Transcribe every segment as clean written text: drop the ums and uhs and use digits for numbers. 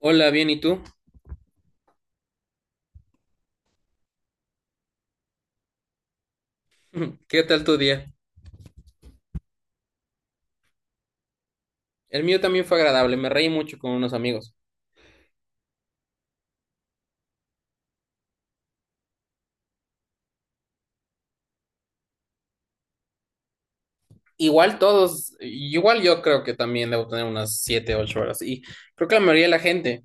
Hola, bien, ¿y tú? ¿Qué tal tu día? El mío también fue agradable, me reí mucho con unos amigos. Igual todos, igual yo creo que también debo tener unas 7 8 horas y creo que la mayoría de la gente.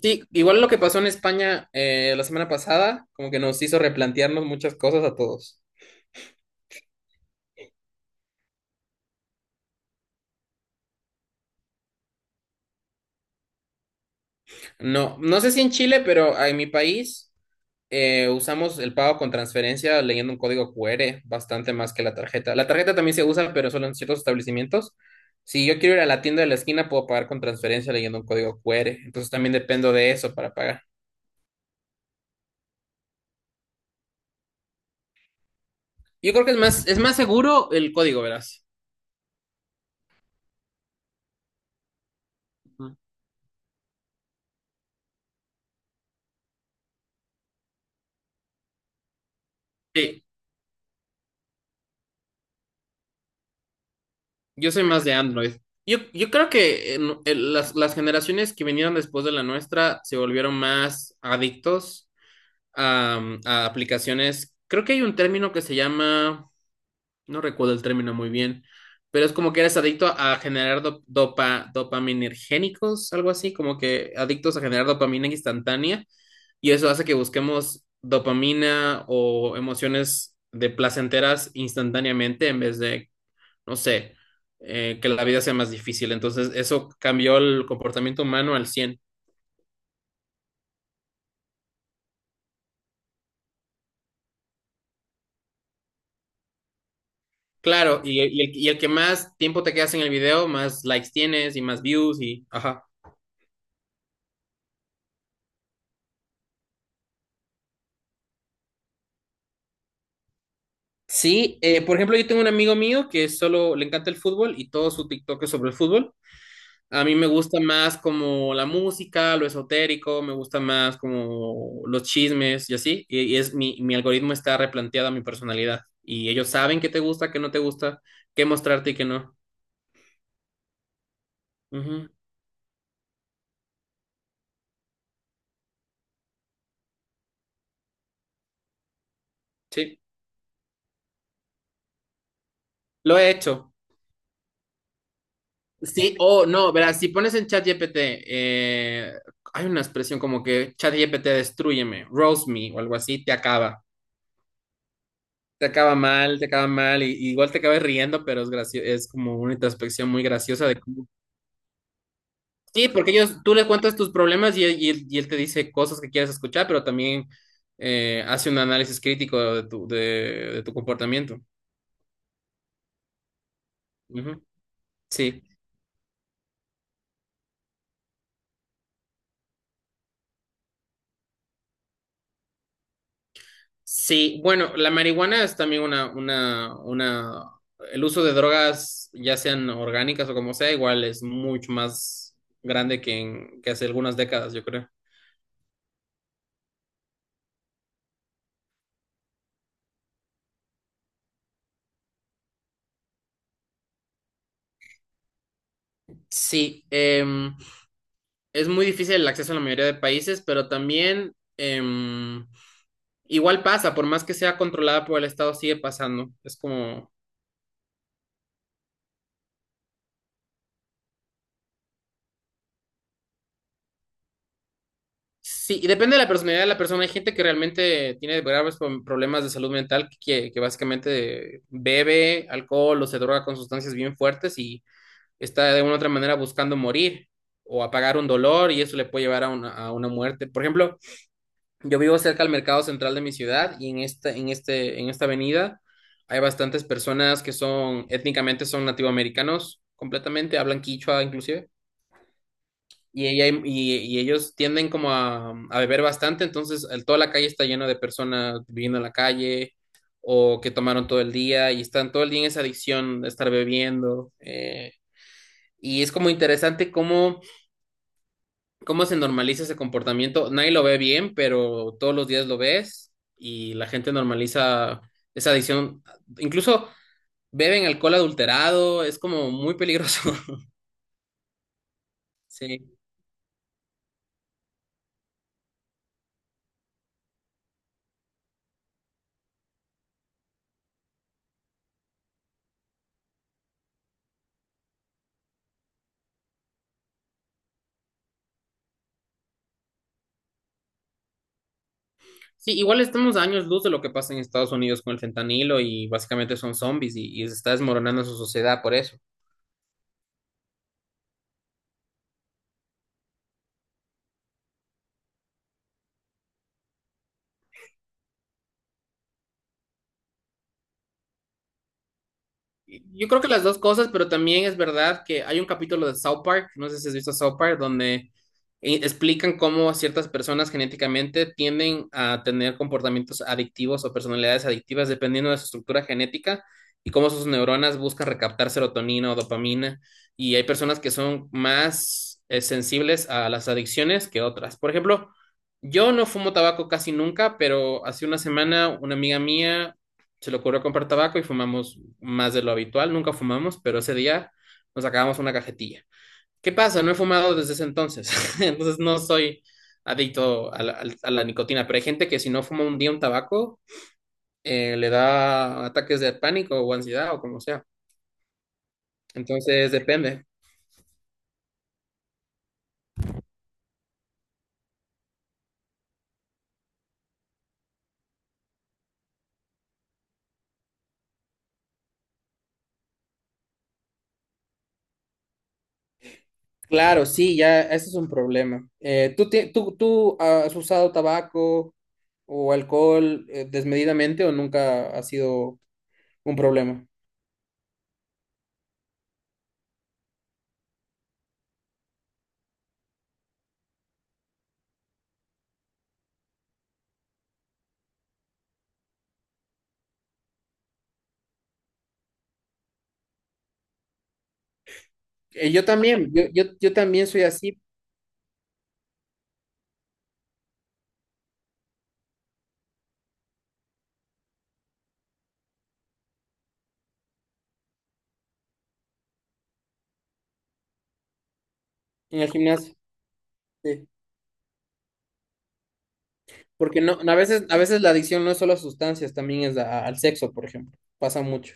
Sí, igual lo que pasó en España la semana pasada, como que nos hizo replantearnos muchas cosas a todos. No, no sé si en Chile, pero en mi país usamos el pago con transferencia leyendo un código QR bastante más que la tarjeta. La tarjeta también se usa, pero solo en ciertos establecimientos. Si yo quiero ir a la tienda de la esquina, puedo pagar con transferencia leyendo un código QR. Entonces también dependo de eso para pagar. Yo creo que es más seguro el código, verás. Ujú. Sí, yo soy más de Android. Yo creo que las generaciones que vinieron después de la nuestra se volvieron más adictos a, a aplicaciones. Creo que hay un término que se llama, no recuerdo el término muy bien, pero es como que eres adicto a generar dopaminergénicos, algo así, como que adictos a generar dopamina instantánea, y eso hace que busquemos dopamina o emociones de placenteras instantáneamente en vez de, no sé, que la vida sea más difícil. Entonces, eso cambió el comportamiento humano al 100. Claro, y el que más tiempo te quedas en el video, más likes tienes y más views y, ajá. Sí, por ejemplo, yo tengo un amigo mío que solo le encanta el fútbol y todo su TikTok es sobre el fútbol. A mí me gusta más como la música, lo esotérico, me gusta más como los chismes y así. Y es mi algoritmo está replanteado a mi personalidad. Y ellos saben qué te gusta, qué no te gusta, qué mostrarte y qué no. Ujú. Sí, lo he hecho. Sí, o no, verás, si pones en ChatGPT, hay una expresión como que ChatGPT destrúyeme, roast me o algo así, te acaba. Te acaba mal, te acaba mal, y igual te acabas riendo, pero es es como una introspección muy graciosa de cómo... Sí, porque ellos, tú le cuentas tus problemas y él te dice cosas que quieres escuchar, pero también hace un análisis crítico de de tu comportamiento. Ujú. Sí, sí, bueno, la marihuana es también una, el uso de drogas, ya sean orgánicas o como sea, igual es mucho más grande que, que hace algunas décadas, yo creo. Sí, es muy difícil el acceso en la mayoría de países, pero también igual pasa, por más que sea controlada por el Estado, sigue pasando. Es como, sí, y depende de la personalidad de la persona. Hay gente que realmente tiene graves problemas de salud mental, que básicamente bebe alcohol o se droga con sustancias bien fuertes y está de una u otra manera buscando morir o apagar un dolor y eso le puede llevar a una muerte. Por ejemplo, yo vivo cerca al mercado central de mi ciudad y en esta avenida hay bastantes personas que son étnicamente son nativoamericanos completamente, hablan quichua inclusive, y ellos tienden como a beber bastante, entonces toda la calle está llena de personas viviendo en la calle o que tomaron todo el día y están todo el día en esa adicción de estar bebiendo. Y es como interesante cómo se normaliza ese comportamiento. Nadie lo ve bien, pero todos los días lo ves y la gente normaliza esa adicción. Incluso beben alcohol adulterado, es como muy peligroso. Sí. Sí, igual estamos a años luz de lo que pasa en Estados Unidos con el fentanilo y básicamente son zombies y se está desmoronando su sociedad por eso. Yo creo que las dos cosas, pero también es verdad que hay un capítulo de South Park, no sé si has visto South Park, donde explican cómo ciertas personas genéticamente tienden a tener comportamientos adictivos o personalidades adictivas dependiendo de su estructura genética y cómo sus neuronas buscan recaptar serotonina o dopamina. Y hay personas que son más sensibles a las adicciones que otras. Por ejemplo, yo no fumo tabaco casi nunca, pero hace una semana una amiga mía se le ocurrió comprar tabaco y fumamos más de lo habitual. Nunca fumamos, pero ese día nos acabamos una cajetilla. ¿Qué pasa? No he fumado desde ese entonces. Entonces no soy adicto a nicotina, pero hay gente que si no fuma un día un tabaco, le da ataques de pánico o ansiedad o como sea. Entonces depende. Claro, sí, ya, ese es un problema. ¿Tú has usado tabaco o alcohol desmedidamente o nunca ha sido un problema? Yo también, yo también soy así en el gimnasio, sí. Porque no, a veces la adicción no es solo a sustancias, también es al sexo, por ejemplo. Pasa mucho.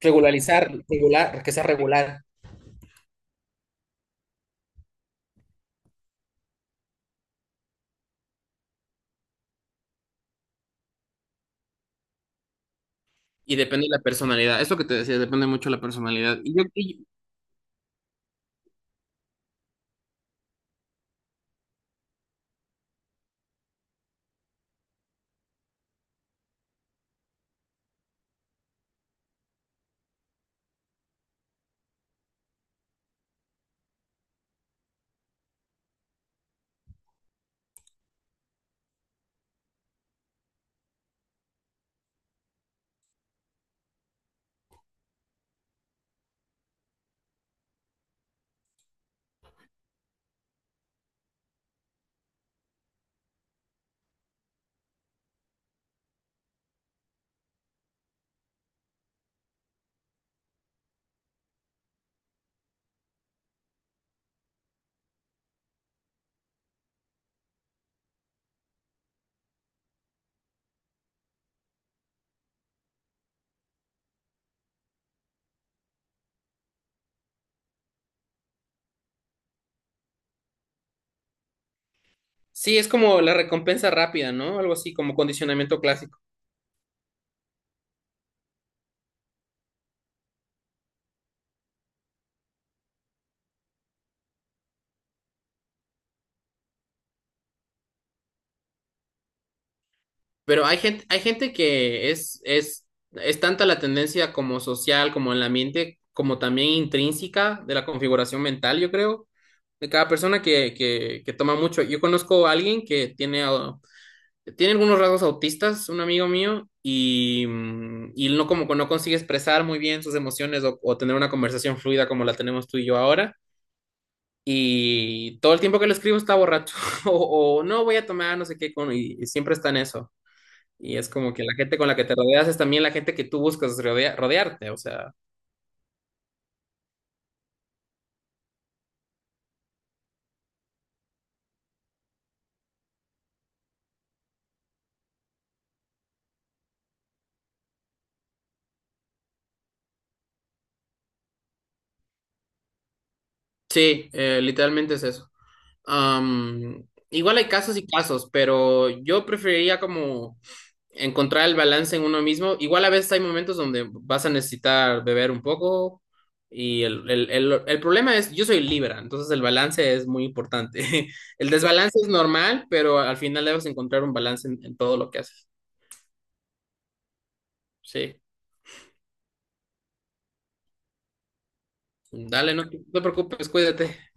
Regularizar, regular, que sea regular. Y depende de la personalidad. Esto que te decía, depende mucho de la personalidad. Y yo, y- Sí, es como la recompensa rápida, ¿no? Algo así, como condicionamiento clásico. Pero hay gente que es tanta la tendencia como social, como en la mente, como también intrínseca de la configuración mental, yo creo, de cada persona que toma mucho. Yo conozco a alguien que tiene, ah, tiene algunos rasgos autistas, un amigo mío, y no como no consigue expresar muy bien sus emociones o tener una conversación fluida como la tenemos tú y yo ahora. Y todo el tiempo que le escribo está borracho o no voy a tomar, no sé qué, con, y siempre está en eso. Y es como que la gente con la que te rodeas es también la gente que tú buscas rodearte, o sea, sí, literalmente es eso. Am, igual hay casos y casos, pero yo preferiría como encontrar el balance en uno mismo. Igual a veces hay momentos donde vas a necesitar beber un poco y el problema es, yo soy Libra, entonces el balance es muy importante. El desbalance es normal, pero al final debes encontrar un balance en todo lo que haces. Sí, dale, no te preocupes, cuídate.